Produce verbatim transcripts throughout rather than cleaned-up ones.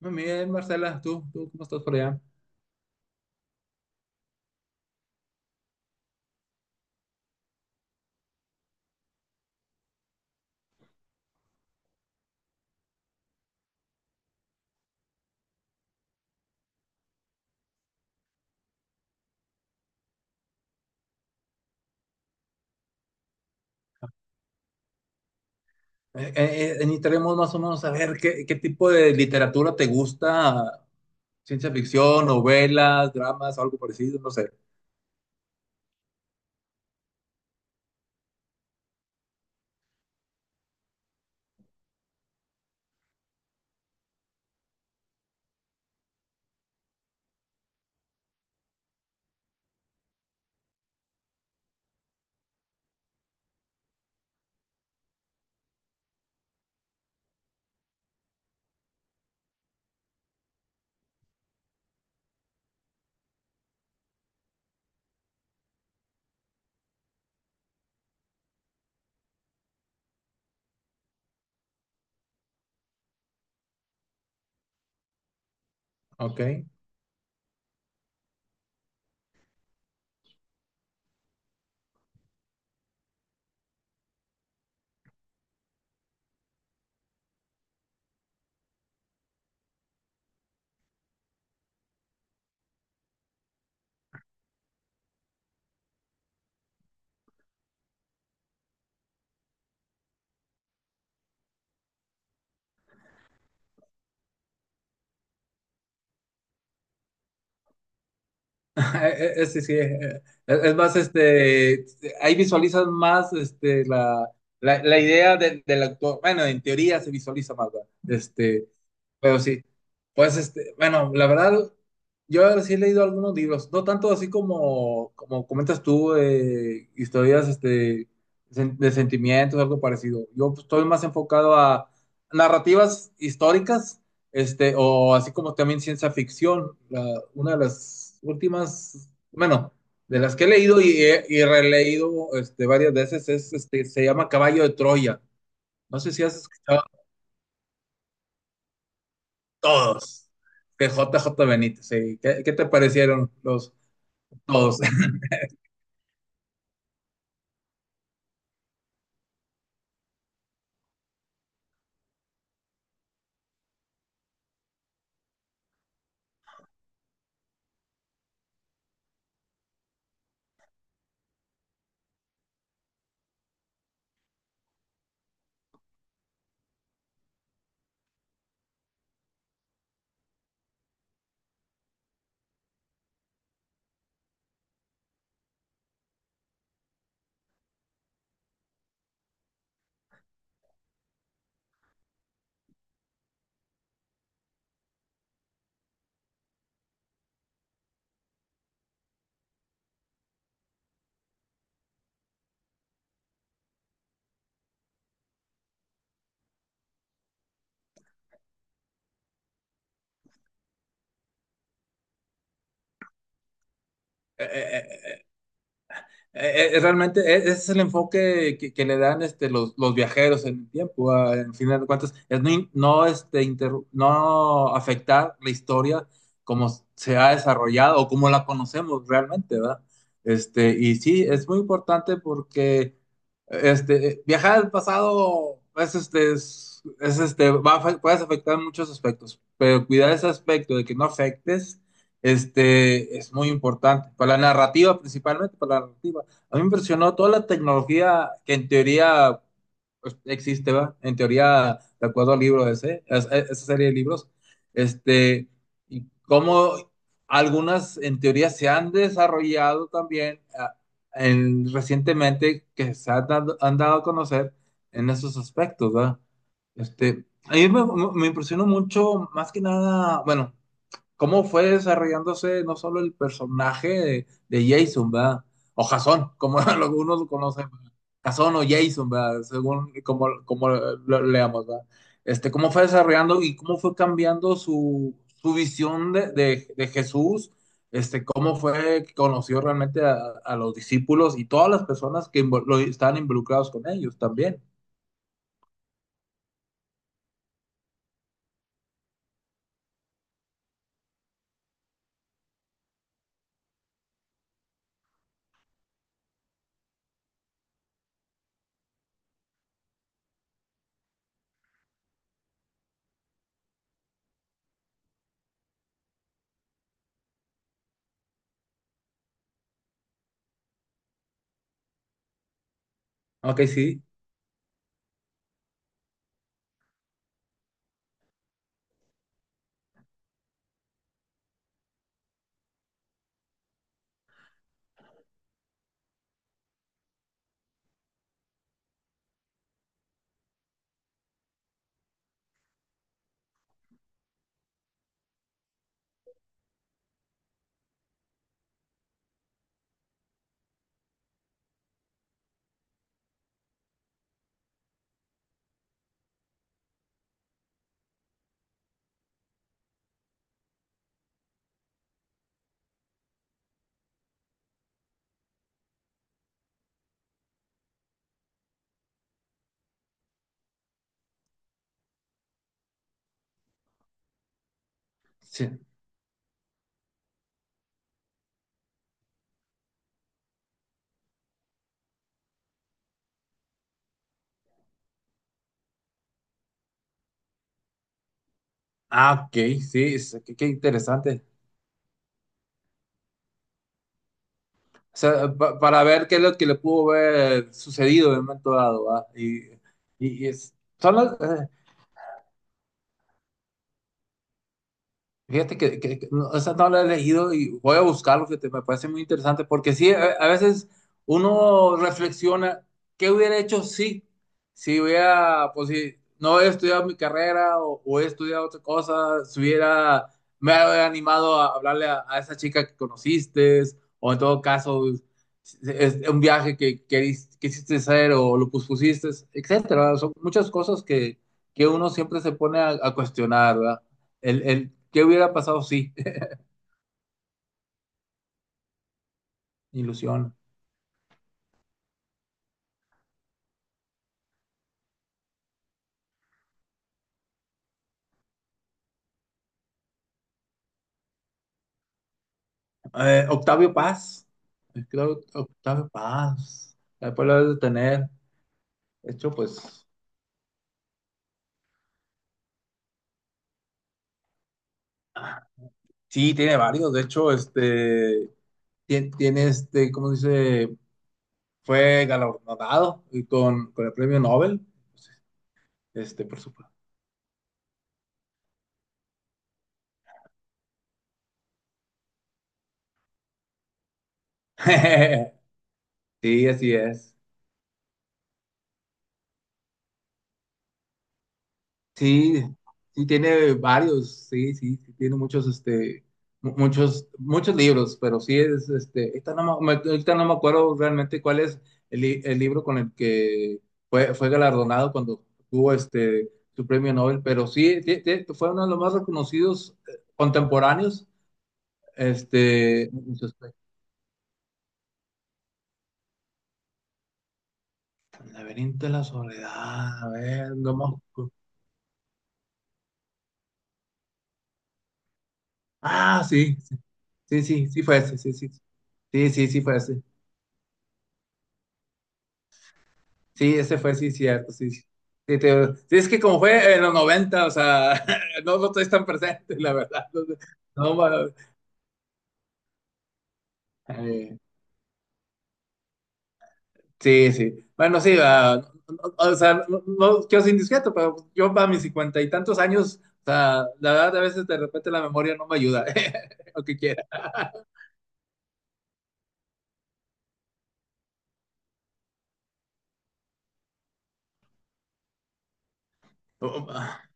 Muy bien, Marcela, ¿tú, tú cómo estás por allá? Eh, eh, eh, necesitaremos más o menos saber qué, qué tipo de literatura te gusta, ciencia ficción, novelas, dramas, algo parecido, no sé. Ok. Eh, eh, eh, sí, sí, eh, eh, es más, este, ahí visualizas más este, la, la, la idea de- del autor. Bueno, en teoría se visualiza más, ¿verdad? Este, Pero sí, pues este, bueno, la verdad, yo sí he leído algunos libros, no tanto así como, como comentas tú, eh, historias este, sen- de sentimientos, algo parecido. Yo pues, estoy más enfocado a narrativas históricas, este, o así como también ciencia ficción. La- una de las últimas, bueno, de las que he leído y, he- y releído este, varias veces es, este, se llama Caballo de Troya. No sé si has escuchado. Todos. Que J J Benítez, sí. ¿Qué, qué te parecieron los todos? Eh, eh, realmente e- ese es el enfoque que, que le dan este, los, los viajeros en el tiempo, ah, en final de cuentas, es no, in- no, este, interru- no afectar la historia como se ha desarrollado o como la conocemos realmente, ¿verdad? Este, y sí, es muy importante porque este, viajar al pasado es, este, es, es, este, va a afe- puedes afectar en muchos aspectos, pero cuidar ese aspecto de que no afectes este, es muy importante, para la narrativa principalmente, para la narrativa. A mí me impresionó toda la tecnología que en teoría pues, existe, ¿va? En teoría, de acuerdo al libro ese, a- a- esa serie de libros, este, y cómo algunas en teoría se han desarrollado también, ah, en, recientemente, que se han dado, han dado a conocer en esos aspectos, ¿va? Este, a mí me, me- me impresionó mucho, más que nada, bueno, cómo fue desarrollándose no solo el personaje de, de Jason, ¿verdad? O Jason, como algunos lo conocen, ¿verdad? Jason o Jason, ¿verdad? Según como, como lo leamos, ¿verdad? Este, cómo fue desarrollando y cómo fue cambiando su, su visión de, de- de Jesús, este, cómo fue que conoció realmente a, a los discípulos y todas las personas que invol- lo, estaban involucrados con ellos también. Ok, sí, sí. Ah, ok, sí, es- qué, qué interesante. O sea, pa- para ver qué es lo que le pudo haber sucedido en un momento dado, ¿va? Y, y- y es- son las- eh, fíjate que, que- que no, esa no la he leído y voy a buscarlo, fíjate, me parece muy interesante, porque sí, a, a veces uno reflexiona, ¿qué hubiera hecho si? Si hubiera, pues si no he estudiado mi carrera o, o he estudiado otra cosa, si hubiera, me hubiera animado a hablarle a, a esa chica que conociste, o en todo caso, es es un viaje que queris- quisiste hacer o lo pospusiste, etcétera. Son muchas cosas que, que uno siempre se pone a, a cuestionar, ¿verdad? El, el ¿qué hubiera pasado? Sí. Ilusión. Eh, Octavio Paz. Creo que Octavio Paz. Después lo debes de tener. De hecho, pues, ah, sí, tiene varios. De hecho, este. Tiene, tiene este, ¿cómo se dice? Fue galardonado y con, con el premio Nobel. Este, por supuesto. Sí, así es. Sí, sí tiene varios, sí, sí, sí tiene muchos, este, mu- muchos, muchos libros, pero sí es, este, ahorita no me, me- ahorita no me acuerdo realmente cuál es el, li- el libro con el que fue, fue galardonado cuando tuvo este su premio Nobel, pero sí, ti- ti- fue uno de los más reconocidos, eh, contemporáneos, este, en su aspecto. El laberinto de la soledad, a ver, no me acu- ah, sí, sí, sí, sí sí fue ese, sí, sí, sí, sí, sí fue ese. Sí, ese fue, sí, cierto, sí. Sí, sí, te- sí, es que como fue en los noventa, o sea, no lo estoy tan presente, la verdad. No, sé. No, ma- eh, sí, sí. Bueno, sí, ah, no- no- o sea, no, no quiero ser indiscreto, pero yo para mis cincuenta y tantos años, o sea, la verdad, a veces de repente la memoria no me ayuda, lo que quiera.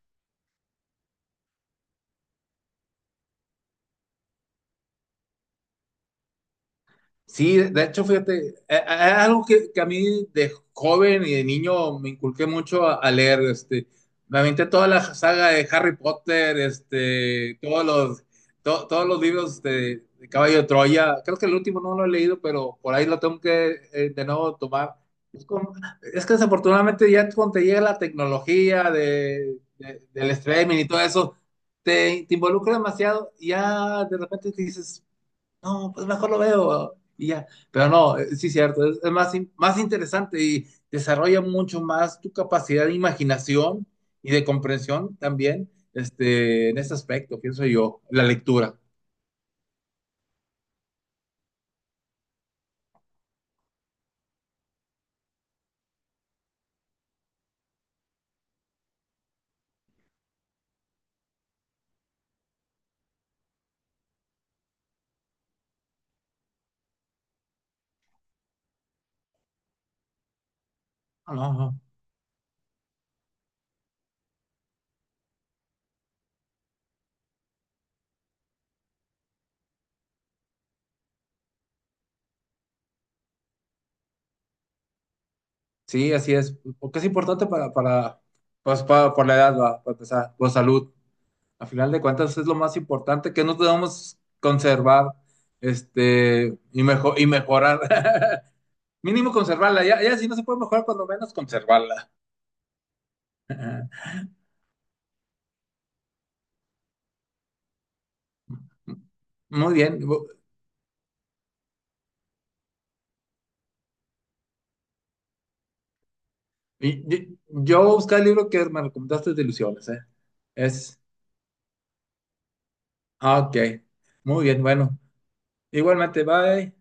Sí, de de hecho, fíjate, eh, eh, es algo que, que a mí de joven y de niño me inculqué mucho a, a leer, este, me aventé toda la saga de Harry Potter, este, todos los, to- todos los libros de, de Caballo de Troya, creo que el último no lo he leído, pero por ahí lo tengo que, eh, de nuevo tomar. Es, como- es que desafortunadamente ya cuando te llega la tecnología de, de- del streaming y todo eso, te, te involucra demasiado y ya de repente te dices no, pues mejor lo veo y ya. Pero no, eh, sí, cierto, es, es más, in- más interesante y desarrolla mucho más tu capacidad de imaginación y de comprensión también, este, en ese aspecto, pienso yo, la lectura. No, no, no. Sí, así es, porque es importante para, para, pues, para, por la edad, va, para empezar, por salud. Al final de cuentas es lo más importante que no debemos conservar, este, y, mejo- y mejorar. Mínimo conservarla, ya, ya si no se puede mejorar, cuando menos conservarla. Muy bien. Bu- y- y- Yo voy a buscar el libro que me recomendaste de ilusiones, ¿eh? Es. Ah, ok. Muy bien, bueno. Igualmente, bye.